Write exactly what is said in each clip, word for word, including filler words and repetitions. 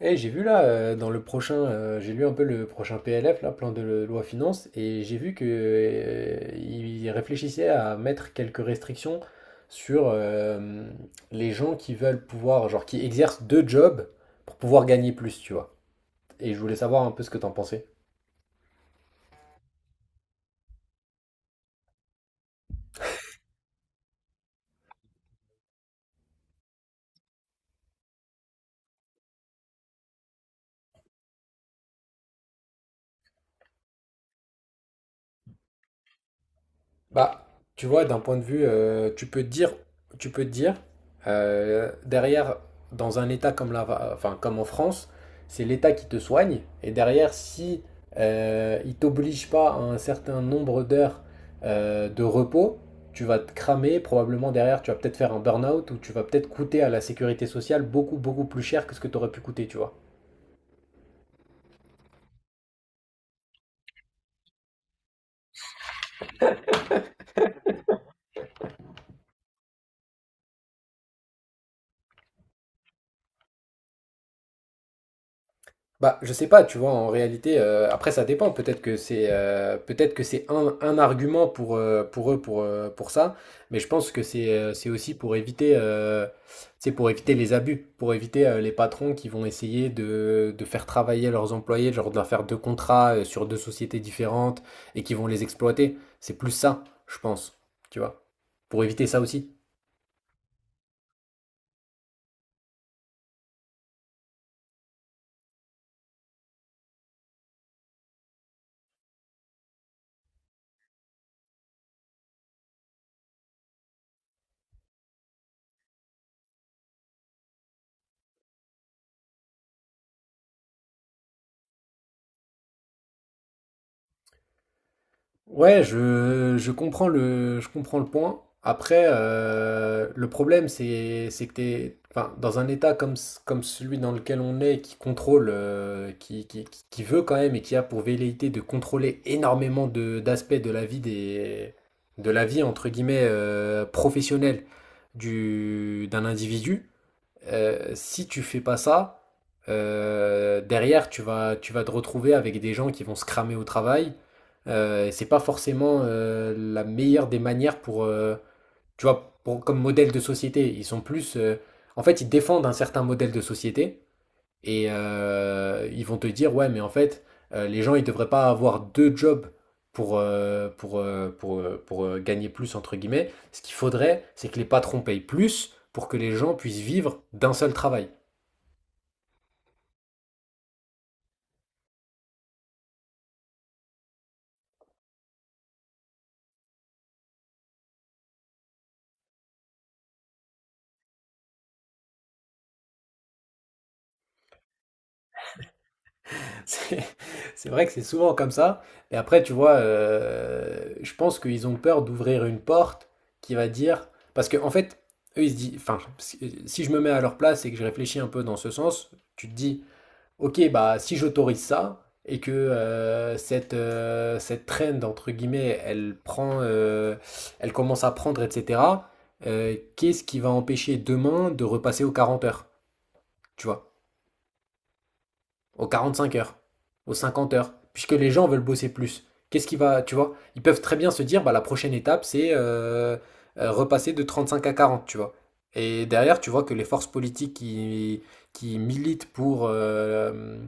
Eh, j'ai vu là, euh, dans le prochain, euh, j'ai lu un peu le prochain P L F, là, plan de loi finances, et j'ai vu que, euh, il réfléchissait à mettre quelques restrictions sur euh, les gens qui veulent pouvoir, genre, qui exercent deux jobs pour pouvoir gagner plus, tu vois. Et je voulais savoir un peu ce que t'en pensais. Bah, tu vois, d'un point de vue, euh, tu peux te dire, tu peux te dire, euh, derrière, dans un État comme la, enfin, comme en France, c'est l'État qui te soigne, et derrière, si euh, il t'oblige pas à un certain nombre d'heures euh, de repos, tu vas te cramer, probablement derrière, tu vas peut-être faire un burn-out, ou tu vas peut-être coûter à la sécurité sociale beaucoup, beaucoup plus cher que ce que tu aurais pu coûter, tu vois. Bah, je sais pas, tu vois, en réalité, euh, après ça dépend. Peut-être que c'est euh, peut-être que c'est un, un argument pour, euh, pour eux pour, euh, pour ça, mais je pense que c'est euh, c'est aussi pour éviter euh, c'est pour éviter les abus, pour éviter euh, les patrons qui vont essayer de, de faire travailler leurs employés, genre de leur faire deux contrats euh, sur deux sociétés différentes et qui vont les exploiter. C'est plus ça, je pense, tu vois, pour éviter ça aussi. Ouais, je, je comprends le, je comprends le point. Après, euh, le problème, c'est, c'est que t'es, enfin, dans un état comme, c- comme celui dans lequel on est, qui contrôle, euh, qui, qui, qui- qui veut quand même et qui a pour velléité de contrôler énormément de, d'aspects de la vie des, de la vie, entre guillemets, euh, professionnelle du, d'un individu euh, si tu fais pas ça, euh, derrière, tu vas, tu vas te retrouver avec des gens qui vont se cramer au travail. Euh, et c'est pas forcément euh, la meilleure des manières pour, euh, tu vois, pour- comme modèle de société. Ils sont plus, euh, en fait, ils défendent un certain modèle de société et euh, ils vont te dire, ouais, mais en fait, euh, les gens, ils devraient pas avoir deux jobs pour, euh, pour, euh, pour, euh, pour, euh, gagner plus, entre guillemets. Ce qu'il faudrait, c'est que les patrons payent plus pour que les gens puissent vivre d'un seul travail. C'est c'est vrai que c'est souvent comme ça. Et après, tu vois, euh, je pense qu'ils ont peur d'ouvrir une porte qui va dire. Parce que en fait, eux, ils se disent. Enfin, si si je me mets à leur place et que je réfléchis un peu dans ce sens, tu te dis, Ok, bah si j'autorise ça et que euh, cette, euh, cette trend entre guillemets elle prend euh, elle commence à prendre et cetera euh, qu'est-ce qui va empêcher demain de repasser aux quarante heures? Tu vois? Aux cinq heures, aux cinquante heures, puisque les gens veulent bosser plus. Qu'est-ce qui va, tu vois, ils peuvent très bien se dire, bah, la prochaine étape, c'est euh, euh, repasser de trente-cinq à quarante, tu vois. Et derrière, tu vois que les forces politiques qui, qui militent pour, euh,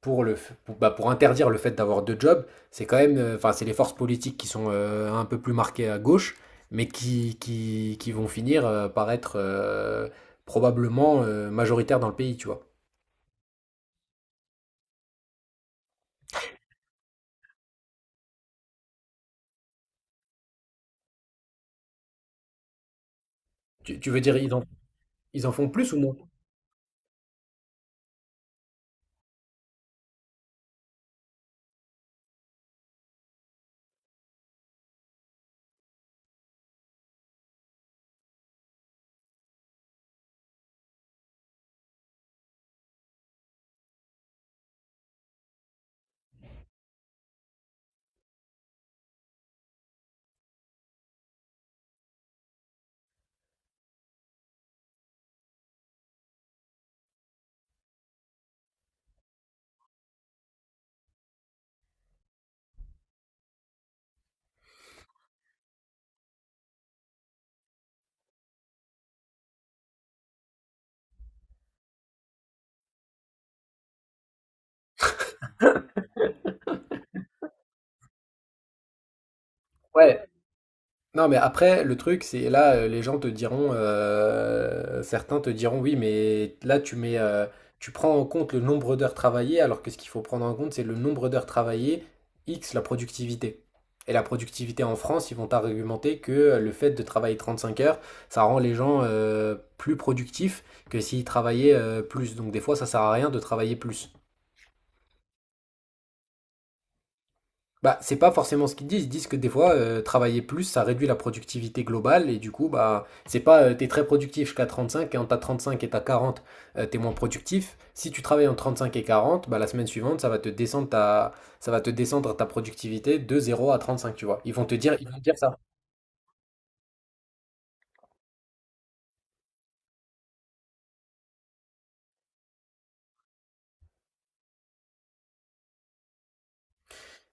pour, le, pour, bah, pour interdire le fait d'avoir deux jobs, c'est quand même, euh, enfin, c'est les forces politiques qui sont euh, un peu plus marquées à gauche, mais qui, qui, qui vont finir euh, par être euh, probablement euh, majoritaires dans le pays, tu vois. Tu, tu veux dire ident- Ils en font plus ou moins? Ouais. Non, mais après, le truc, c'est là, euh, les gens te diront, euh, certains te diront, oui, mais là, tu mets, euh, tu prends en compte le nombre d'heures travaillées, alors que ce qu'il faut prendre en compte, c'est le nombre d'heures travaillées, X, la productivité. Et la productivité en France, ils vont t'argumenter que euh, le fait de travailler trente-cinq heures, ça rend les gens euh, plus productifs que s'ils travaillaient euh, plus. Donc des fois, ça sert à rien de travailler plus. Bah, c'est pas forcément ce qu'ils disent. Ils disent que des fois, euh, travailler plus, ça réduit la productivité globale et du coup, bah, c'est pas euh, t'es très productif jusqu'à trente cinq et en t'as cinq et t'as quarante euh, t'es moins productif. Si tu travailles en trente cinq et quarante bah, la semaine suivante, ça va te descendre ta, ça va te descendre ta productivité de zéro à trente cinq tu vois. Ils vont te dire, ils vont te dire ça.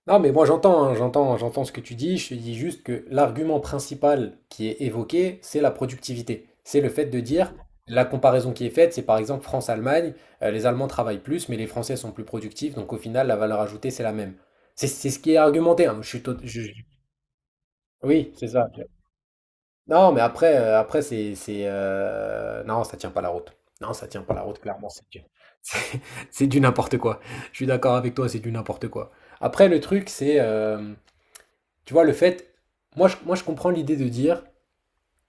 Non, mais moi j'entends, hein, j'entends, j'entends ce que tu dis. Je te dis juste que l'argument principal qui est évoqué, c'est la productivité. C'est le fait de dire, la comparaison qui est faite, c'est par exemple France-Allemagne. euh, les Allemands travaillent plus, mais les Français sont plus productifs, donc au final, la valeur ajoutée, c'est la même. C'est c'est ce qui est argumenté, hein. Je suis tot- je- je- Oui, c'est ça. Non, mais après, euh, après c'est, c'est, euh, non, ça tient pas la route. Non, ça tient pas la route, clairement. C'est du, c'est c'est du n'importe quoi. Je suis d'accord avec toi, c'est du n'importe quoi. Après, le truc, c'est euh, tu vois, le fait. Moi, je, moi, je comprends l'idée de dire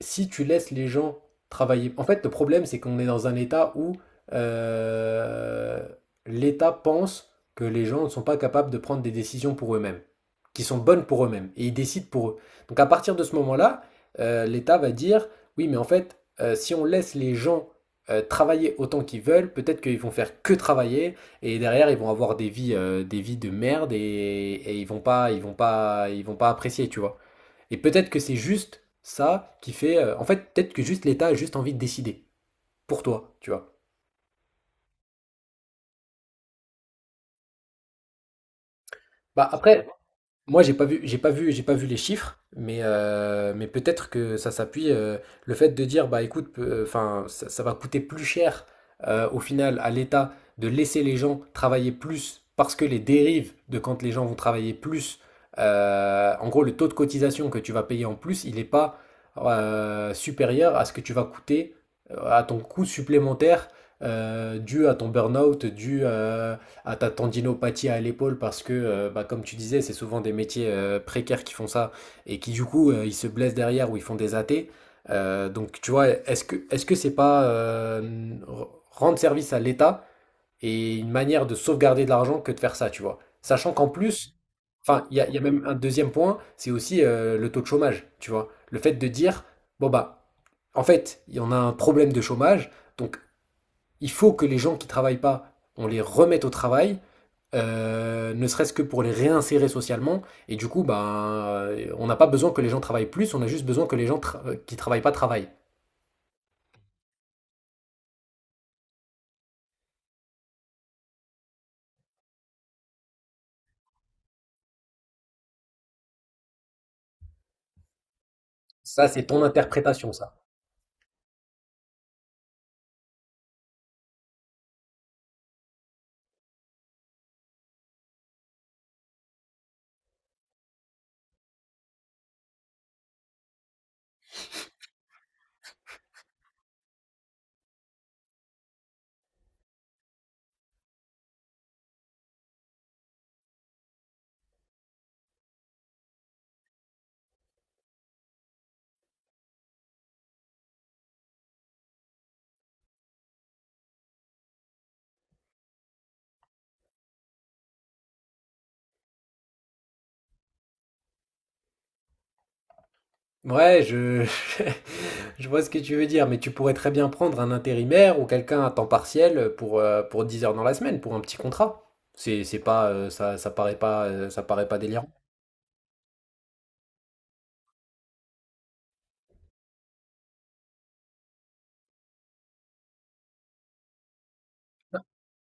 si tu laisses les gens travailler. En fait, le problème, c'est qu'on est dans un état où euh, l'État pense que les gens ne sont pas capables de prendre des décisions pour eux-mêmes, qui sont bonnes pour eux-mêmes, et ils décident pour eux. Donc à partir de ce moment-là, euh, l'État va dire, oui, mais en fait, euh, si on laisse les gens euh, travailler autant qu'ils veulent, peut-être qu'ils vont faire que travailler, et derrière, ils vont avoir des vies, euh, des vies de merde, et, et ils vont pas, ils vont pas, ils vont pas apprécier, tu vois. Et peut-être que c'est juste ça qui fait. euh, en fait, peut-être que juste l'État a juste envie de décider pour toi, tu vois. Bah après, Moi, j'ai pas vu, j'ai pas vu, j'ai pas vu les chiffres, mais, euh, mais peut-être que ça s'appuie. euh, le fait de dire, bah écoute, enfin, ça, ça va coûter plus cher euh, au final à l'État de laisser les gens travailler plus parce que les dérives de quand les gens vont travailler plus, euh, en gros, le taux de cotisation que tu vas payer en plus, il n'est pas euh, supérieur à ce que tu vas coûter, euh, à ton coût supplémentaire euh, dû à ton burn-out, dû euh, à ta tendinopathie à l'épaule parce que, euh, bah, comme tu disais, c'est souvent des métiers euh, précaires qui font ça et qui, du coup, euh, ils se blessent derrière ou ils font des athées. Euh, donc, tu vois, est-ce que est-ce que c'est pas euh, r- rendre service à l'État et une manière de sauvegarder de l'argent que de faire ça, tu vois? Sachant qu'en plus, enfin, il y a, il y a même un deuxième point, c'est aussi euh, le taux de chômage, tu vois? Le fait de dire, bon, bah, en fait, il y en a un problème de chômage, donc il faut que les gens qui travaillent pas, on les remette au travail, euh, ne serait-ce que pour les réinsérer socialement. Et du coup, ben, euh, on n'a pas besoin que les gens travaillent plus, on a juste besoin que les gens tra- euh, qui travaillent pas travaillent. Ça, c'est ton interprétation, ça. Ouais, je... je vois ce que tu veux dire, mais tu pourrais très bien prendre un intérimaire ou quelqu'un à temps partiel pour, euh, pour dix heures dans la semaine, pour un petit contrat. C'est c'est pas, euh, ça, ça paraît pas, euh, ça paraît pas délirant.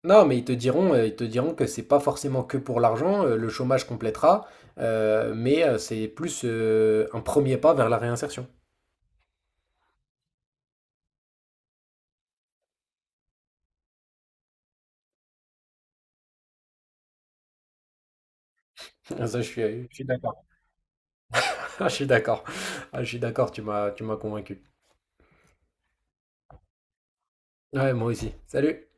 Non, mais ils te diront, euh, ils te diront que c'est pas forcément que pour l'argent, euh, le chômage complétera, euh, mais euh, c'est plus euh, un premier pas vers la réinsertion. Ah, Ça, je suis, je suis d'accord. Ah, je suis d'accord. Ah, je suis d'accord, tu m'as, tu m'as convaincu. Ouais, moi aussi. Salut.